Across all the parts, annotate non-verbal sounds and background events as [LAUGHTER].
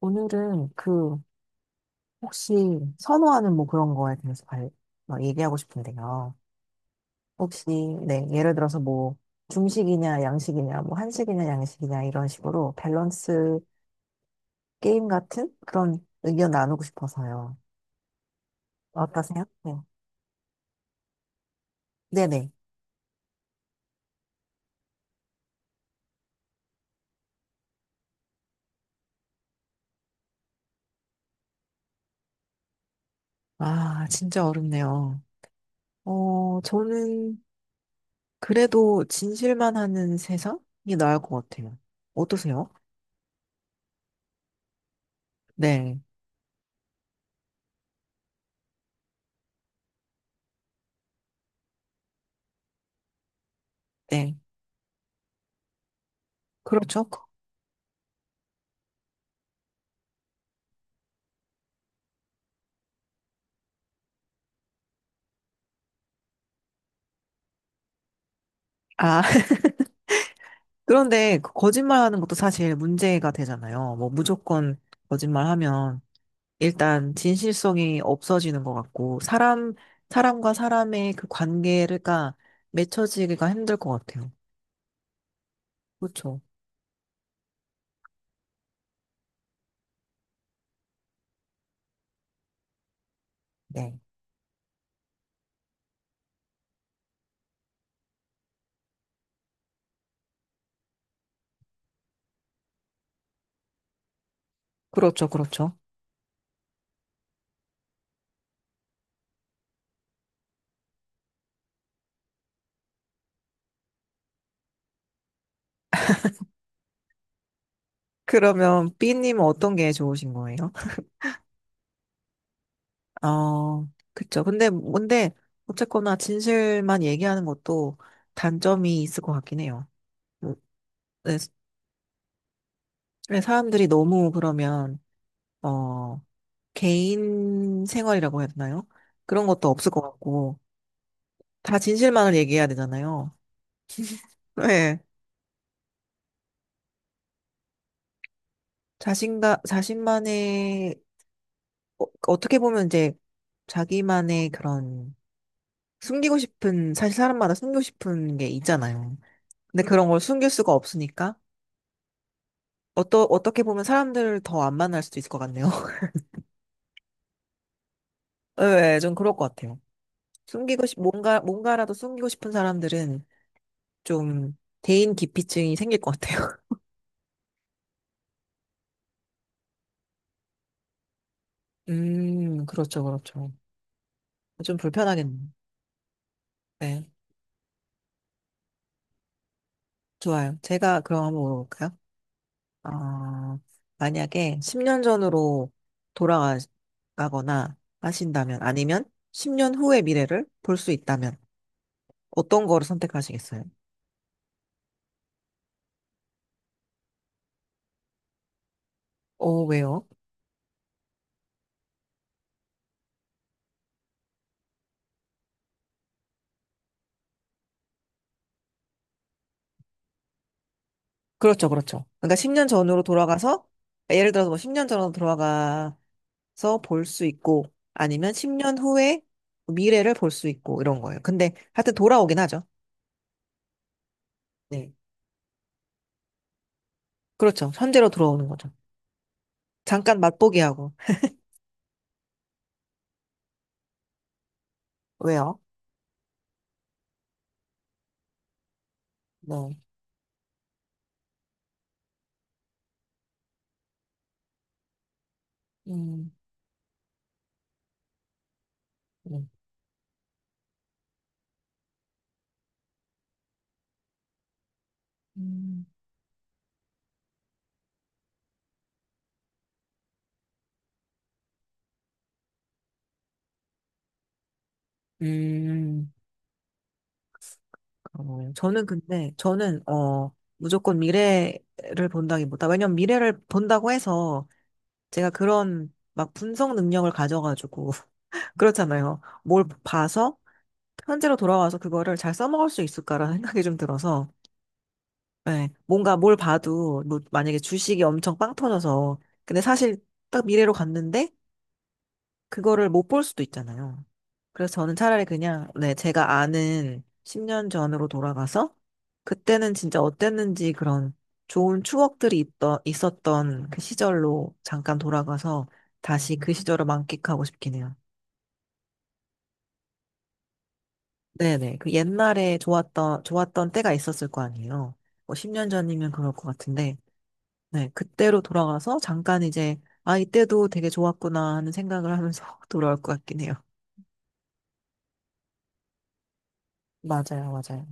오늘은 혹시 선호하는 뭐 그런 거에 대해서 막 얘기하고 싶은데요. 혹시, 네, 예를 들어서 뭐, 중식이냐, 양식이냐, 뭐, 한식이냐, 양식이냐, 이런 식으로 밸런스 게임 같은 그런 의견 나누고 싶어서요. 어떠세요? 네. 네네. 아, 진짜 어렵네요. 저는 그래도 진실만 하는 세상이 나을 것 같아요. 어떠세요? 네, 네. 그렇죠. 아, 그런데 그 거짓말하는 것도 사실 문제가 되잖아요. 뭐 무조건 거짓말하면 일단 진실성이 없어지는 것 같고 사람과 사람의 그 관계가 맺혀지기가 힘들 것 같아요. 그렇죠. 네. 그렇죠, 그렇죠. 그러면 B님은 어떤 게 좋으신 거예요? 어, 그쵸. 근데 뭔데 어쨌거나 진실만 얘기하는 것도 단점이 있을 것 같긴 해요. 뭐, 네, 네, 사람들이 너무 그러면 어. 개인 생활이라고 해야 되나요? 그런 것도 없을 것 같고, 다 진실만을 얘기해야 되잖아요. 네. 자신만의, 어떻게 보면 이제 자기만의 그런 숨기고 싶은, 사실 사람마다 숨기고 싶은 게 있잖아요. 근데 그런 걸 숨길 수가 없으니까, 어떻게 보면 사람들을 더 안 만날 수도 있을 것 같네요. [LAUGHS] 네, 좀 그럴 것 같아요. 뭔가라도 숨기고 싶은 사람들은 좀 대인 기피증이 생길 것 같아요. [LAUGHS] 그렇죠, 그렇죠. 좀 불편하겠네. 네, 좋아요. 제가 그럼 한번 물어볼까요? 어, 만약에 10년 전으로 돌아가거나 하신다면, 아니면 10년 후의 미래를 볼 수 있다면, 어떤 거를 선택하시겠어요? 왜요? 그렇죠, 그렇죠. 그러니까 10년 전으로 돌아가서, 예를 들어서 뭐 10년 전으로 돌아가서 볼 수 있고, 아니면 10년 후의 미래를 볼 수 있고, 이런 거예요. 근데 하여튼 돌아오긴 하죠. 네. 그렇죠. 현재로 돌아오는 거죠. 잠깐 맛보기 하고. 왜요? 네. 음, 네. 음, 음, 그러네요. 저는 근데, 무조건 미래를 본다기보다, 왜냐면 미래를 본다고 해서 제가 그런 막 분석 능력을 가져가지고, [LAUGHS] 그렇잖아요. 뭘 봐서 현재로 돌아와서 그거를 잘 써먹을 수 있을까라는 생각이 좀 들어서, 네, 뭔가 뭘 봐도, 뭐 만약에 주식이 엄청 빵 터져서, 근데 사실 딱 미래로 갔는데, 그거를 못 볼 수도 있잖아요. 그래서 저는 차라리 그냥, 네, 제가 아는 10년 전으로 돌아가서, 그때는 진짜 어땠는지 그런 좋은 추억들이 있었던 그 시절로 잠깐 돌아가서 다시 그 시절을 만끽하고 싶긴 해요. 네네. 그 옛날에 좋았던, 좋았던 때가 있었을 거 아니에요. 뭐 10년 전이면 그럴 것 같은데, 네, 그때로 돌아가서 잠깐 이제, 아, 이때도 되게 좋았구나 하는 생각을 하면서 [LAUGHS] 돌아올 것 같긴 해요. 맞아요, 맞아요.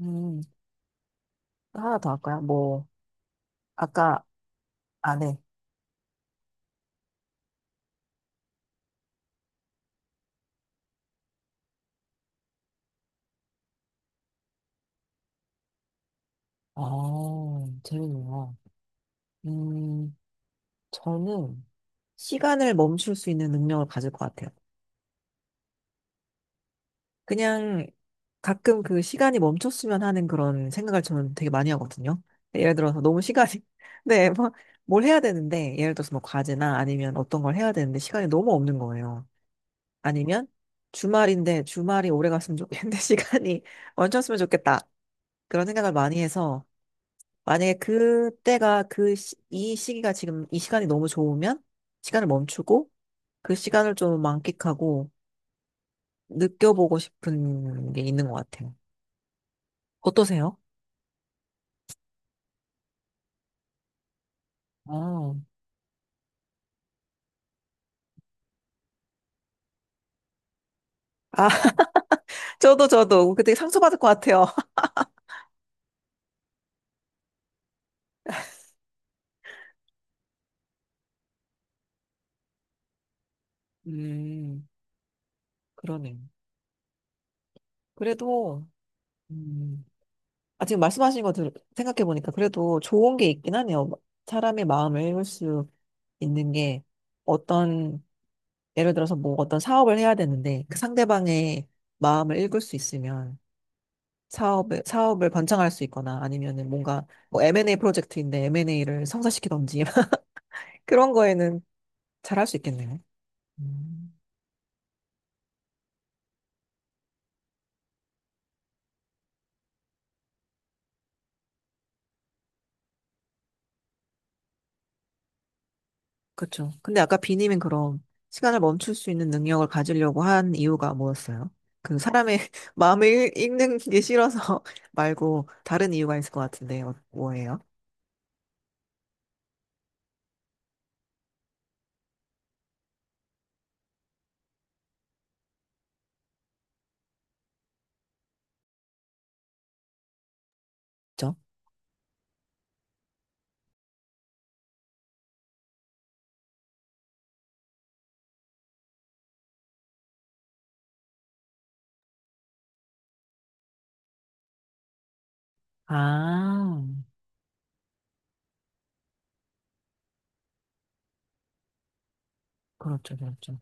음. 하나 더 할까요? 뭐, 아까, 안 해. 아, 재밌네요. 음, 저는 시간을 멈출 수 있는 능력을 가질 것 같아요. 그냥 가끔 그 시간이 멈췄으면 하는 그런 생각을 저는 되게 많이 하거든요. 예를 들어서 너무 시간이, [LAUGHS] 네, 뭐, 뭘 해야 되는데, 예를 들어서 뭐 과제나 아니면 어떤 걸 해야 되는데 시간이 너무 없는 거예요. 아니면 주말인데 주말이 오래 갔으면 좋겠는데 [LAUGHS] 시간이 멈췄으면 좋겠다. 그런 생각을 많이 해서 만약에 그때가 이 시기가 지금 이 시간이 너무 좋으면 시간을 멈추고 그 시간을 좀 만끽하고 느껴보고 싶은 게 있는 것 같아요. 어떠세요? 아, 아, [LAUGHS] 저도 그때 상처받을 것 같아요. [LAUGHS] 음, 그러네요. 그래도 음, 지금 말씀하신 거 생각해 보니까 그래도 좋은 게 있긴 하네요. 사람의 마음을 읽을 수 있는 게 어떤 예를 들어서 뭐 어떤 사업을 해야 되는데 그 상대방의 마음을 읽을 수 있으면 사업을 번창할 수 있거나 아니면은 뭔가 뭐 M&A 프로젝트인데 M&A를 성사시키던지 [LAUGHS] 그런 거에는 잘할 수 있겠네요. 음, 그렇죠. 근데 아까 비님은 그럼 시간을 멈출 수 있는 능력을 가지려고 한 이유가 뭐였어요? 그 사람의 [LAUGHS] 마음을 읽는 게 싫어서 [LAUGHS] 말고 다른 이유가 있을 것 같은데 뭐예요? 그렇죠? 아, 그렇죠, 그렇죠.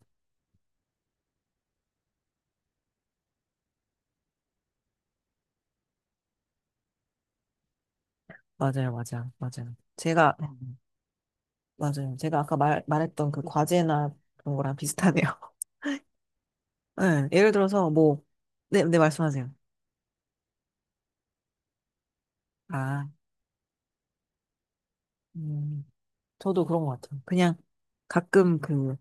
맞아요, 맞아요, 맞아요. 제가 맞아요. 제가 아까 말했던 그 과제나 그런 거랑 비슷하네요. [LAUGHS] 네, 예를 들어서 뭐, 네, 네, 말씀하세요. 아, 음, 저도 그런 것 같아요. 그냥 가끔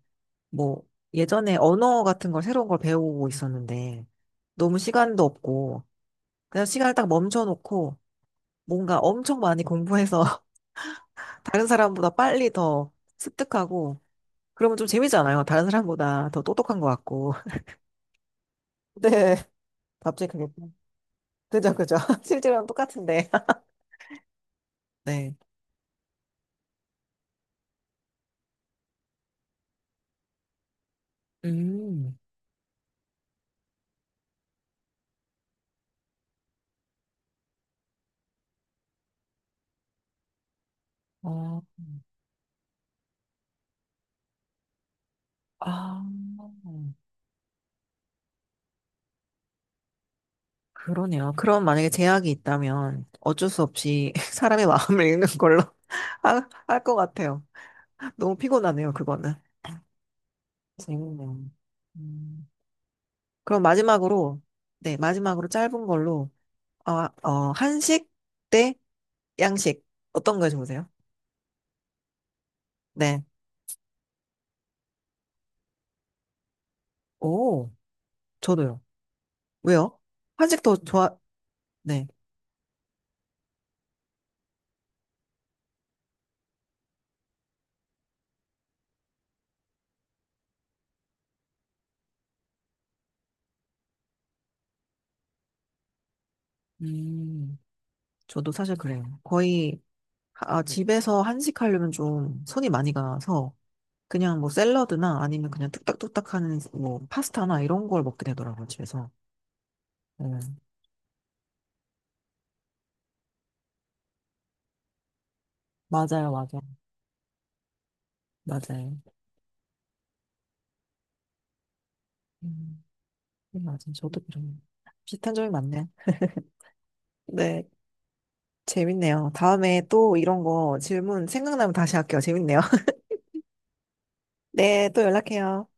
뭐, 예전에 언어 같은 걸 새로운 걸 배우고 있었는데, 너무 시간도 없고, 그냥 시간을 딱 멈춰놓고, 뭔가 엄청 많이 공부해서 [LAUGHS] 다른 사람보다 빨리 더 습득하고, 그러면 좀 재미잖아요. 다른 사람보다 더 똑똑한 것 같고. [LAUGHS] 네, 갑자기 그게. 그죠, 그죠. [LAUGHS] 실제로는 똑같은데. [LAUGHS] 네. 음, 어, 아, 그러네요. 그럼 만약에 제약이 있다면 어쩔 수 없이 [LAUGHS] 사람의 마음을 읽는 걸로 [LAUGHS] 할 것 같아요. 너무 피곤하네요, 그거는. 재밌네요. 음, 그럼 마지막으로, 네, 마지막으로 짧은 걸로, 한식 대 양식. 어떤 거 좋으세요? 네. 오, 저도요. 왜요? 한식 더 좋아, 네. 음, 저도 사실 그래요. 집에서 한식하려면 좀 손이 많이 가서 그냥 뭐 샐러드나 아니면 그냥 뚝딱뚝딱 하는 뭐 파스타나 이런 걸 먹게 되더라고요, 집에서. 음, 맞아요, 맞아요, 맞아요. 음, 맞아요. 저도 그런 비슷한 점이 많네요. 네, 재밌네요. 다음에 또 이런 거 질문 생각나면 다시 할게요. 재밌네요. [LAUGHS] 네, 또 연락해요.